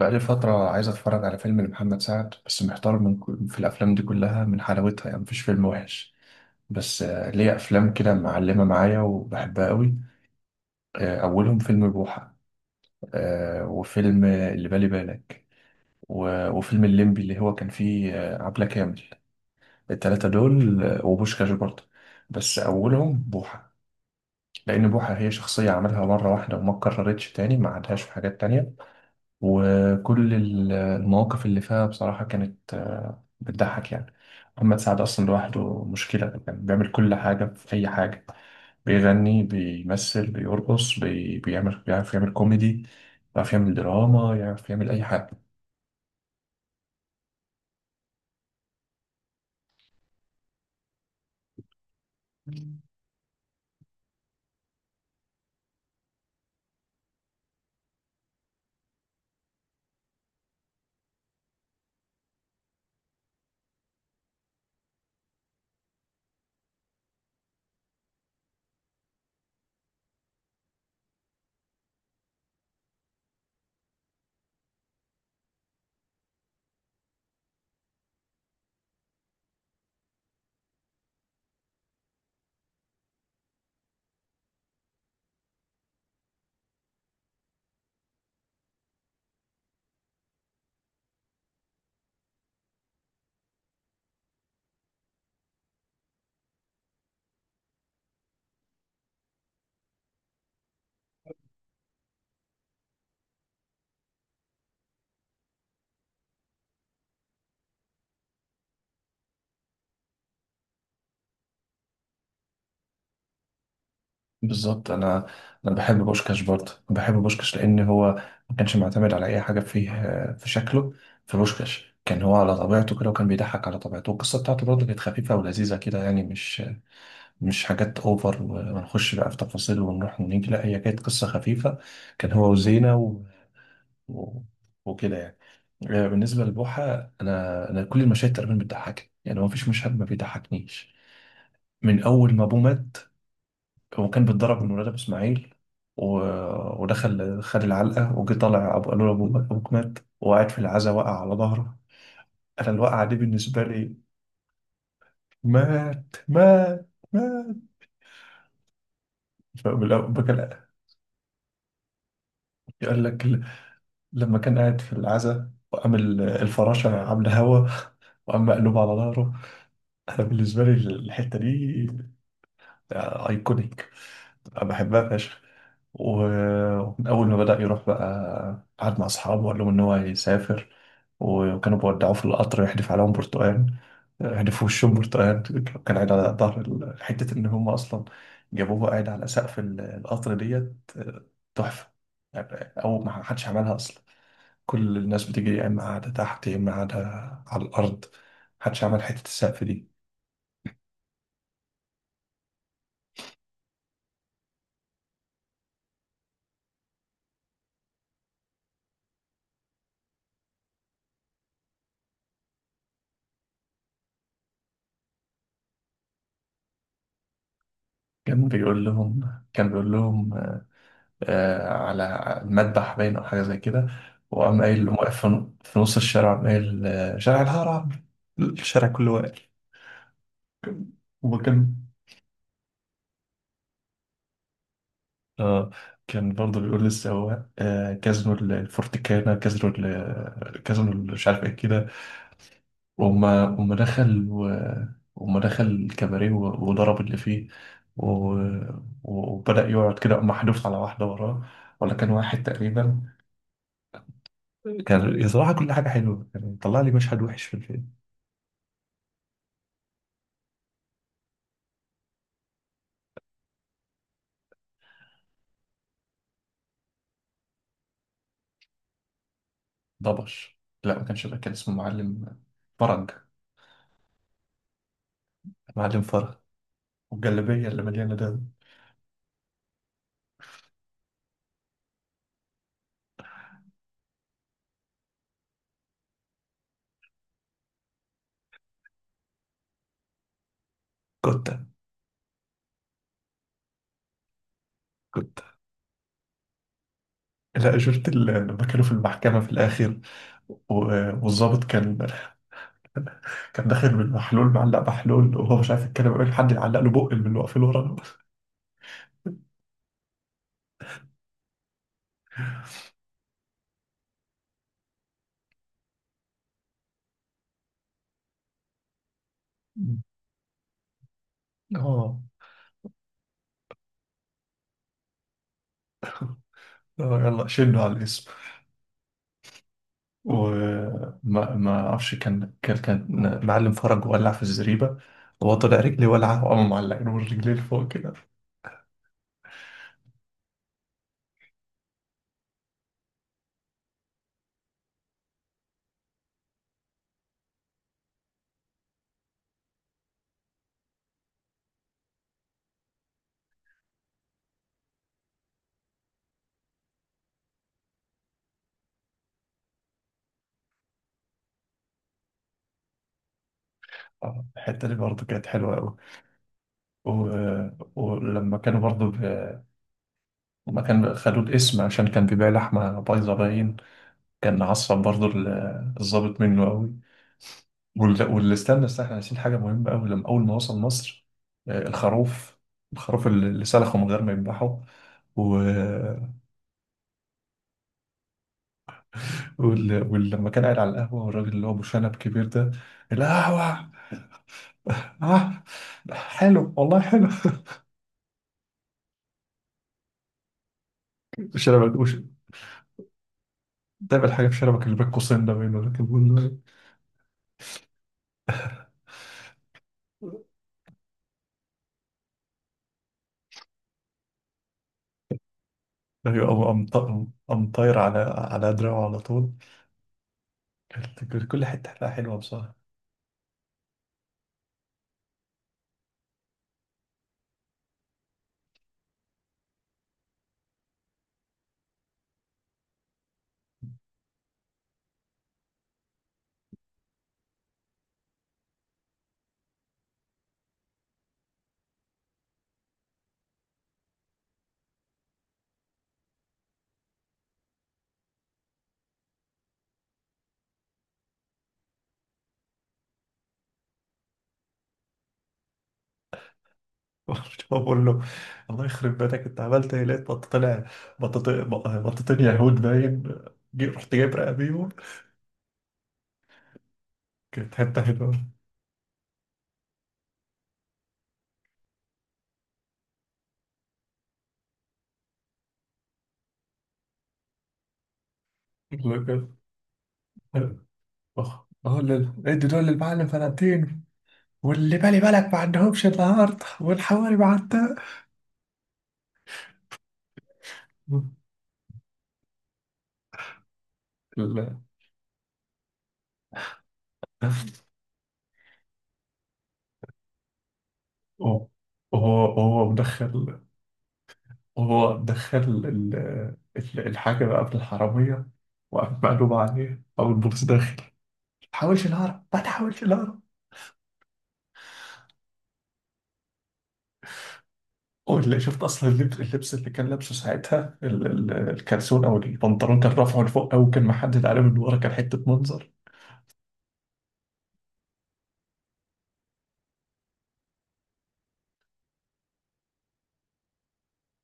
بقالي فترة عايز أتفرج على فيلم لمحمد سعد، بس محتار من في الأفلام دي كلها من حلاوتها، يعني مفيش فيلم وحش. بس ليه أفلام كده معلمة معايا وبحبها قوي. أولهم فيلم بوحة، وفيلم اللي بالي بالك، و- وفيلم الليمبي اللي هو كان فيه عبلة كامل. التلاتة دول، وبوشكاش برضه. بس أولهم بوحة، لأن بوحة هي شخصية عملها مرة واحدة وما اتكررتش تاني، ما عادهاش في حاجات تانية. وكل المواقف اللي فيها بصراحة كانت بتضحك يعني. محمد سعد أصلا لوحده مشكلة، كان بيعمل كل حاجة في أي حاجة. بيغني، بيمثل، بيرقص، بي... بيعمل بيعرف يعمل كوميدي، بيعرف يعمل دراما، يعرف يعمل أي حاجة. بالظبط. أنا بحب بوشكاش برضه، بحب بوشكاش لأن هو ما كانش معتمد على أي حاجة فيه، في شكله. في بوشكاش كان هو على طبيعته كده، وكان بيضحك على طبيعته، والقصة بتاعته برضه كانت خفيفة ولذيذة كده، يعني مش حاجات اوفر ونخش بقى في تفاصيل ونروح ونيجي، لا هي كانت قصة خفيفة. كان هو وزينة و... وكده يعني. بالنسبة لبوحة، انا كل المشاهد تقريبا بتضحكني، يعني ما فيش مشهد ما بيضحكنيش. من اول ما ابوه مات، هو كان بيتضرب من ولاد ابو اسماعيل، و... ودخل خد العلقة وجي طالع ابو قالوا له ابوك مات، وقعد في العزا وقع على ظهره. انا الوقعة دي بالنسبة لي، مات مات مات. فبالأول- بكل- يقول لك، لما كان قاعد في العزا وقام الفراشة عاملة هوا، وقام مقلوب على ظهره. أنا بالنسبة لي الحتة دي أيكونيك، أنا بحبها فشخ. و- ومن أول ما بدأ يروح، بقى قعد مع أصحابه وقال لهم إن هو هيسافر، وكانوا بيودعوه في القطر يحدف عليهم برتقال، يحدف في وشهم برتقال، كان قاعد على ظهر حتة إن هم أصلا جابوه قاعد على سقف القطر ديت، تحفة. يعني أول ما حدش عملها أصلا، كل الناس بتيجي يا إما قاعدة تحت يا إما قاعدة على الأرض، محدش عمل حتة السقف دي. كان بيقول لهم آه على المذبح باين أو حاجة زي كده، وقام قايل، قام واقف في نص الشارع، قام قايل شارع الهرم، الشارع كله واقف. وكان آه، كان برضه بيقول للسواق آه كازنوا الفورتيكانا، كازنوا كازنوا مش عارف ايه كده. وأما دخل وأما دخل الكباريه وضرب اللي فيه، وبدأ يقعد كده، أما حدف على واحدة وراه، ولا كان واحد تقريبا. كان بصراحة كل حاجة حلوة، يعني طلع لي مشهد وحش في الفيلم؟ ضبش. لا ما كانش ده، كان اسمه معلم فرج، معلم فرج. والجلابية اللي مليانة دم. كتة، كتة. لا شفت لما كانوا في المحكمة في الآخر، و- والظابط كان كان داخل بالمحلول، معلق محلول وهو مش عارف يتكلم قبل حد يعلق له بق من اللي واقفين ورا. مم. اه. يلا شنه على الاسم. وما ما ما اعرفش، كان معلم فرج ولع في الزريبه، وهو طلع رجلي ولعه، وقام معلقين الرجلين فوق كده. الحته دي برضه كانت حلوه قوي. و... ولما كانوا برضه ب... لما كان خدوا الاسم عشان كان بيبيع لحمه بايظه باين، كان عصب برضو الضابط منه قوي. وال- واللي استنى احنا ناسيين حاجة مهمة قوي، لما أول ما وصل مصر، الخروف، الخروف اللي سلخه من غير ما يذبحه. و... ولما كان قاعد على القهوة، والراجل اللي هو أبو شنب كبير ده، القهوة. آه حلو والله حلو. شنبك دايما الحاجة في شنبك اللي بين قوسين ده، بينه لكن بقول له إيه؟ أيوة، قام قام طاير على دراعه على طول. كانت كل حتة حلوة بصراحة. بقول له الله يخرب بيتك، انت عملت ايه؟ لقيت بط طلع، بطتين يهود باين. رحت جايب رقه بيهم. كانت حته حلوه. قال له كده. اه اه. ادي دول للمعلم فلانتين، واللي بالي بالك ما عندهمش النهارده، والحواري ما عندها. ال- هو هو مدخل، هو مدخل الحاجة بقى قبل الحرامية، وقام مقلوب عليه أو البوليس داخل: ما تحاولش الهرب، ما تحاولش الهرب. واللي شفت اصلا اللبس، اللي كان لابسه ساعتها الكلسون او البنطلون، كان رافعه لفوق او كان محدد عليه من ورا، كان حته منظر.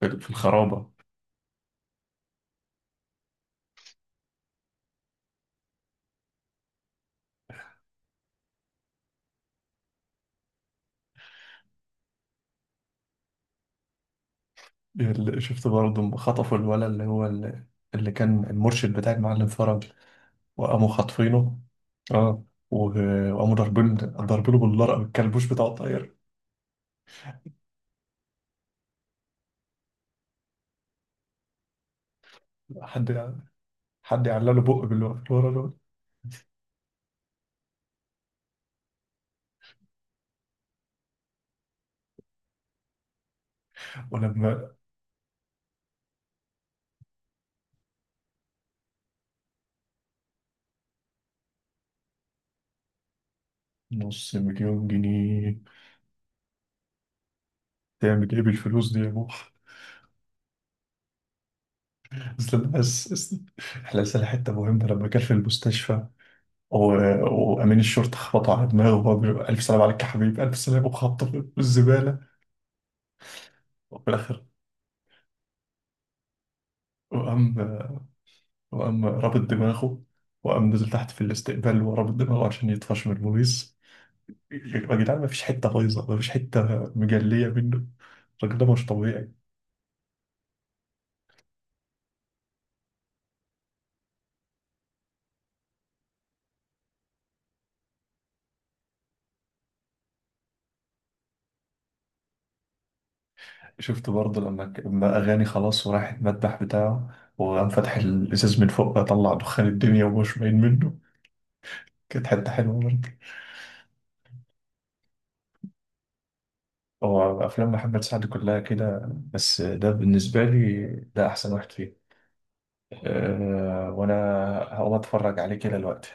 في الخرابه. اللي شفت برضه لما خطفوا الولد اللي هو اللي كان المرشد بتاع المعلم فرج، وقاموا خاطفينه. اه. وقاموا ضاربينه بالنار، او الكلبوش بتاعه طاير. حد حد يعلق له بق باللي واقف ورا دول. ولما 500,000 جنيه تعمل ايه بالفلوس دي يا بوح. اصل احنا لسه حته مهمه لما كان في المستشفى، و... وامين الشرطه خبطوا على دماغه، وهو بيقول الف سلام عليك يا حبيبي، الف سلام، وخبطه في الزباله. وفي الاخر، وقام وقام رابط دماغه، وقام نزل تحت في الاستقبال ورابط دماغه عشان يطفش من البوليس. يا جدعان، ما فيش حته بايظه، ما فيش حته مجليه منه، الراجل ده مش طبيعي. شفت برضه لما لما اغاني خلاص وراح المذبح بتاعه، وقام فاتح الازاز من فوق، طلع دخان الدنيا ومش باين منه. كانت حتة حلوة برضه. هو أفلام محمد سعد كلها كده، بس ده بالنسبة لي، ده أحسن واحد فيه. أه، وأنا هقوم أتفرج عليه كده دلوقتي.